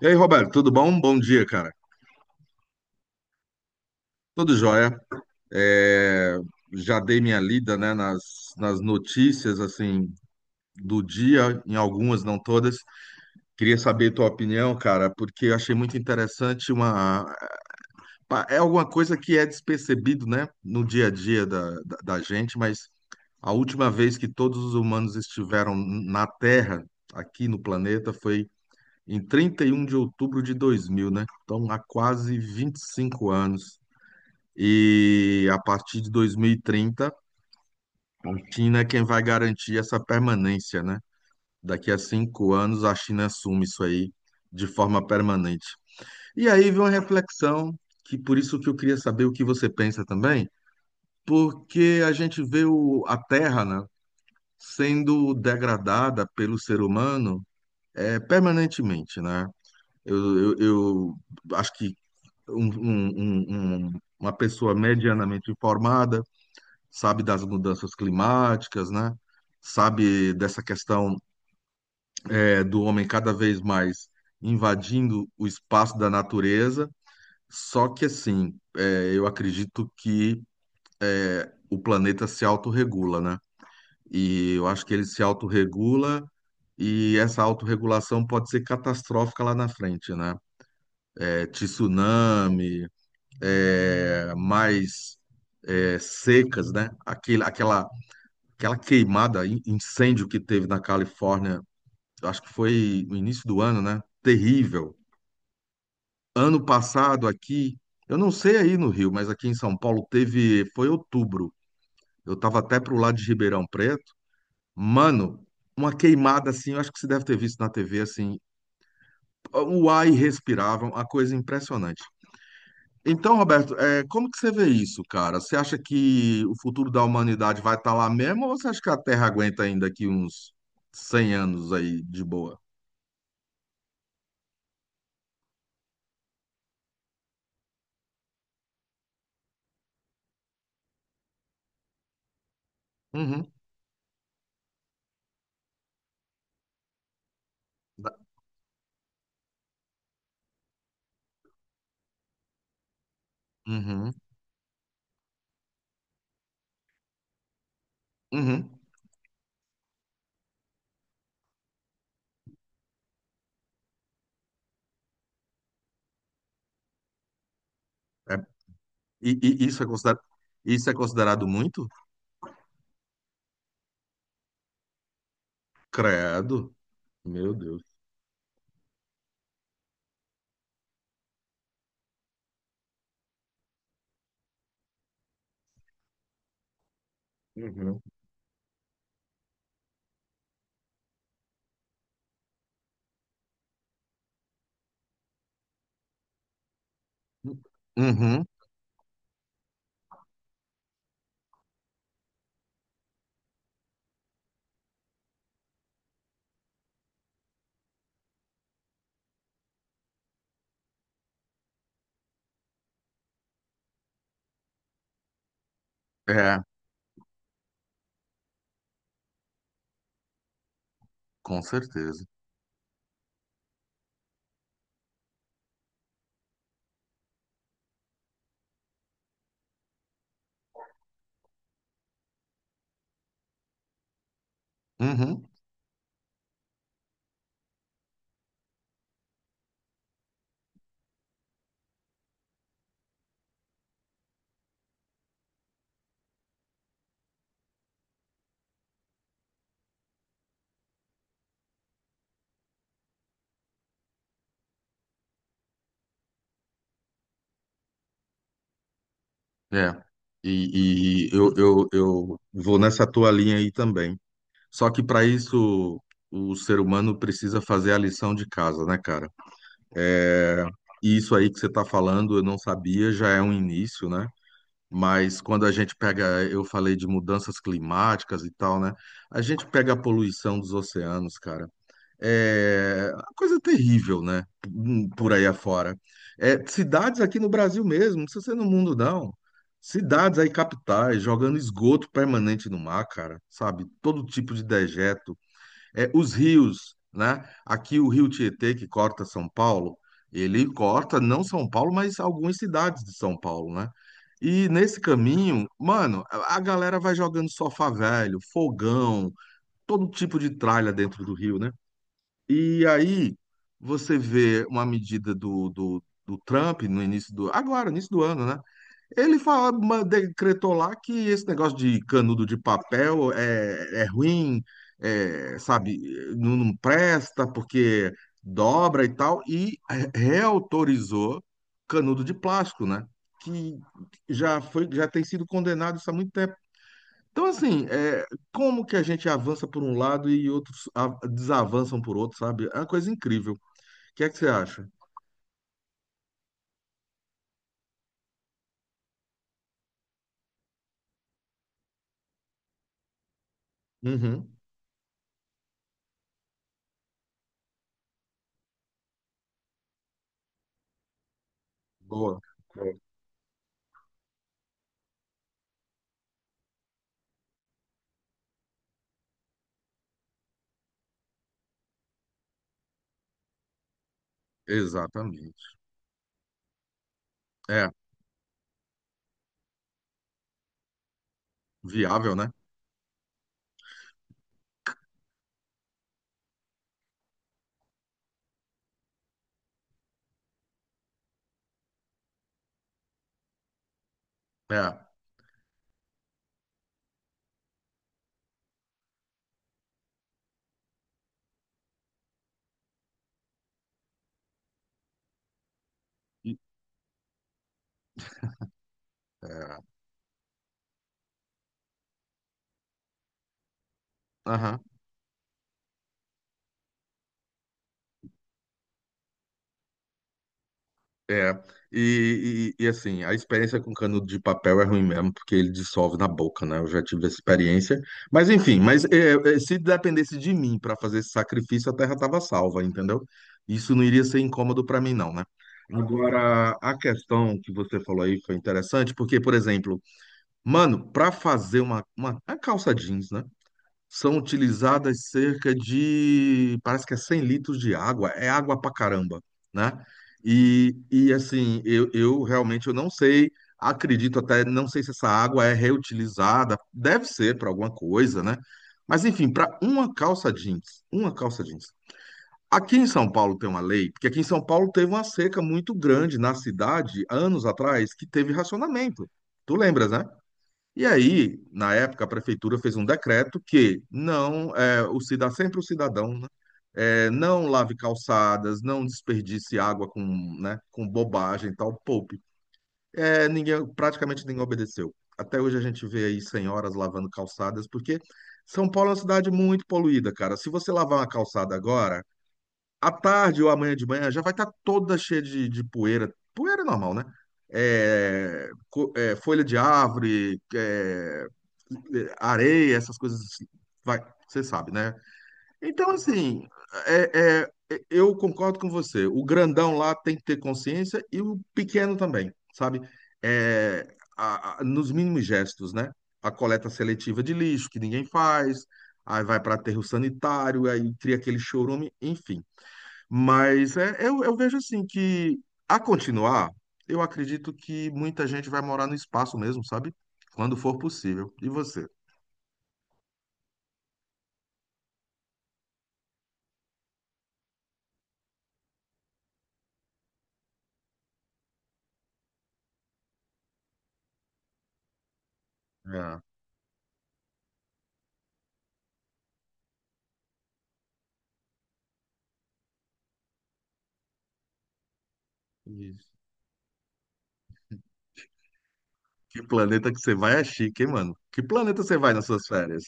E aí, Roberto, tudo bom? Bom dia, cara. Tudo jóia. É, já dei minha lida, né, nas notícias, assim, do dia, em algumas, não todas. Queria saber tua opinião, cara, porque eu achei muito interessante uma... É alguma coisa que é despercebido, né, no dia a dia da gente, mas a última vez que todos os humanos estiveram na Terra, aqui no planeta, foi em 31 de outubro de 2000, né? Então, há quase 25 anos. E a partir de 2030, a China é quem vai garantir essa permanência, né? Daqui a cinco anos, a China assume isso aí de forma permanente. E aí vem uma reflexão, que por isso que eu queria saber o que você pensa também, porque a gente vê a Terra, né, sendo degradada pelo ser humano, permanentemente, né? Eu, eu, eu acho que uma pessoa medianamente informada sabe das mudanças climáticas, né? Sabe dessa questão, do homem cada vez mais invadindo o espaço da natureza. Só que assim, é, eu acredito que o planeta se autorregula, né? E eu acho que ele se autorregula e essa autorregulação pode ser catastrófica lá na frente, né? É, tsunami, é, mais secas, né? Aquele, aquela aquela queimada, incêndio que teve na Califórnia, eu acho que foi no início do ano, né? Terrível. Ano passado aqui, eu não sei aí no Rio, mas aqui em São Paulo teve, foi outubro. Eu tava até pro lado de Ribeirão Preto. Mano, uma queimada assim, eu acho que você deve ter visto na TV assim, o ar irrespirável, uma coisa impressionante. Então, Roberto, é, como que você vê isso, cara? Você acha que o futuro da humanidade vai estar lá mesmo ou você acha que a Terra aguenta ainda aqui uns 100 anos aí de boa? Uhum. Da- Uhum. Uhum. É, e, e isso é considerado muito? Credo. Meu Deus. Uhum. Uhum. É, com certeza. Uhum. É. E eu vou nessa tua linha aí também. Só que para isso o ser humano precisa fazer a lição de casa, né, cara? E isso aí que você está falando, eu não sabia, já é um início, né? Mas quando a gente pega, eu falei de mudanças climáticas e tal, né? A gente pega a poluição dos oceanos, cara. É uma coisa terrível, né? Por aí afora. É, cidades aqui no Brasil mesmo, não precisa ser no mundo, não. Cidades aí, capitais, jogando esgoto permanente no mar, cara, sabe? Todo tipo de dejeto. É, os rios, né? Aqui o Rio Tietê, que corta São Paulo, ele corta não São Paulo, mas algumas cidades de São Paulo, né? E nesse caminho, mano, a galera vai jogando sofá velho, fogão, todo tipo de tralha dentro do rio, né? E aí você vê uma medida do Trump no início do, agora, início do ano, né? Ele fala, decretou lá que esse negócio de canudo de papel é, é ruim, é, sabe, não presta porque dobra e tal, e reautorizou canudo de plástico, né? Que já foi, já tem sido condenado isso há muito tempo. Então, assim, é, como que a gente avança por um lado e outros desavançam por outro, sabe? É uma coisa incrível. O que é que você acha? Uhum. Boa. Boa. Exatamente. É, viável, né? É. E- É, aham, é. Assim, a experiência com canudo de papel é ruim mesmo, porque ele dissolve na boca, né? Eu já tive essa experiência. Mas enfim, se dependesse de mim para fazer esse sacrifício, a terra estava salva, entendeu? Isso não iria ser incômodo para mim, não, né? Agora, a questão que você falou aí foi interessante, porque, por exemplo, mano, para fazer uma calça jeans, né? São utilizadas cerca de, parece que é 100 litros de água, é água pra caramba, né? E assim, eu realmente eu não sei, acredito até, não sei se essa água é reutilizada, deve ser para alguma coisa, né? Mas enfim, para uma calça jeans, uma calça jeans. Aqui em São Paulo tem uma lei, porque aqui em São Paulo teve uma seca muito grande na cidade, anos atrás, que teve racionamento. Tu lembras, né? E aí, na época, a prefeitura fez um decreto que não, é, o cidadão sempre o cidadão, né, é, não lave calçadas, não desperdice água com, né, com bobagem e tal, poupe. É, ninguém, praticamente ninguém obedeceu. Até hoje a gente vê aí senhoras lavando calçadas, porque São Paulo é uma cidade muito poluída, cara. Se você lavar uma calçada agora, à tarde ou amanhã de manhã já vai estar toda cheia de poeira. Poeira é normal, né? É, é, folha de árvore, areia, essas coisas assim. Vai, você sabe, né? Então, assim, eu concordo com você. O grandão lá tem que ter consciência e o pequeno também, sabe? É, nos mínimos gestos, né? A coleta seletiva de lixo, que ninguém faz, aí vai para aterro sanitário, aí cria aquele chorume, enfim. Mas é, eu vejo assim que, a continuar, eu acredito que muita gente vai morar no espaço mesmo, sabe? Quando for possível. E você? É, isso. Que planeta que você vai é chique, hein, mano? Que planeta você vai nas suas férias?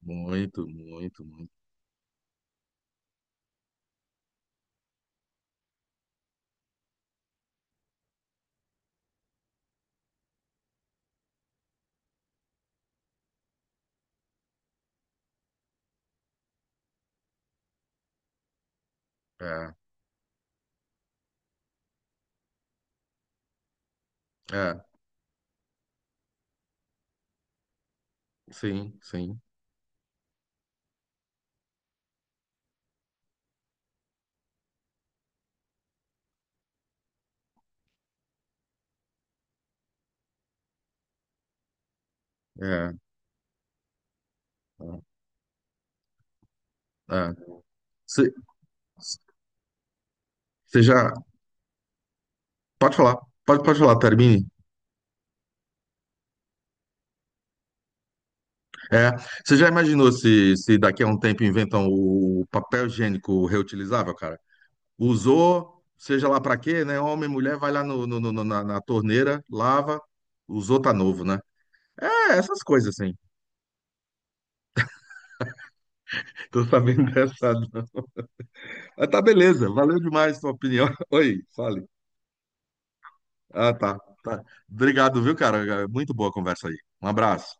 Muito, muito, muito. É, é, sim, sim. É, é, é. Você você já. Pode falar, pode falar, termine. É, você já imaginou se, se daqui a um tempo inventam o papel higiênico reutilizável, usou, seja lá para quê, né? Homem, mulher, vai lá no, na torneira, lava, usou, tá novo, né? É, essas coisas, assim. Tô sabendo dessa, não. Mas tá beleza, valeu demais sua opinião. Oi, fale. Ah, tá, tá. Obrigado, viu, cara? É muito boa a conversa aí. Um abraço.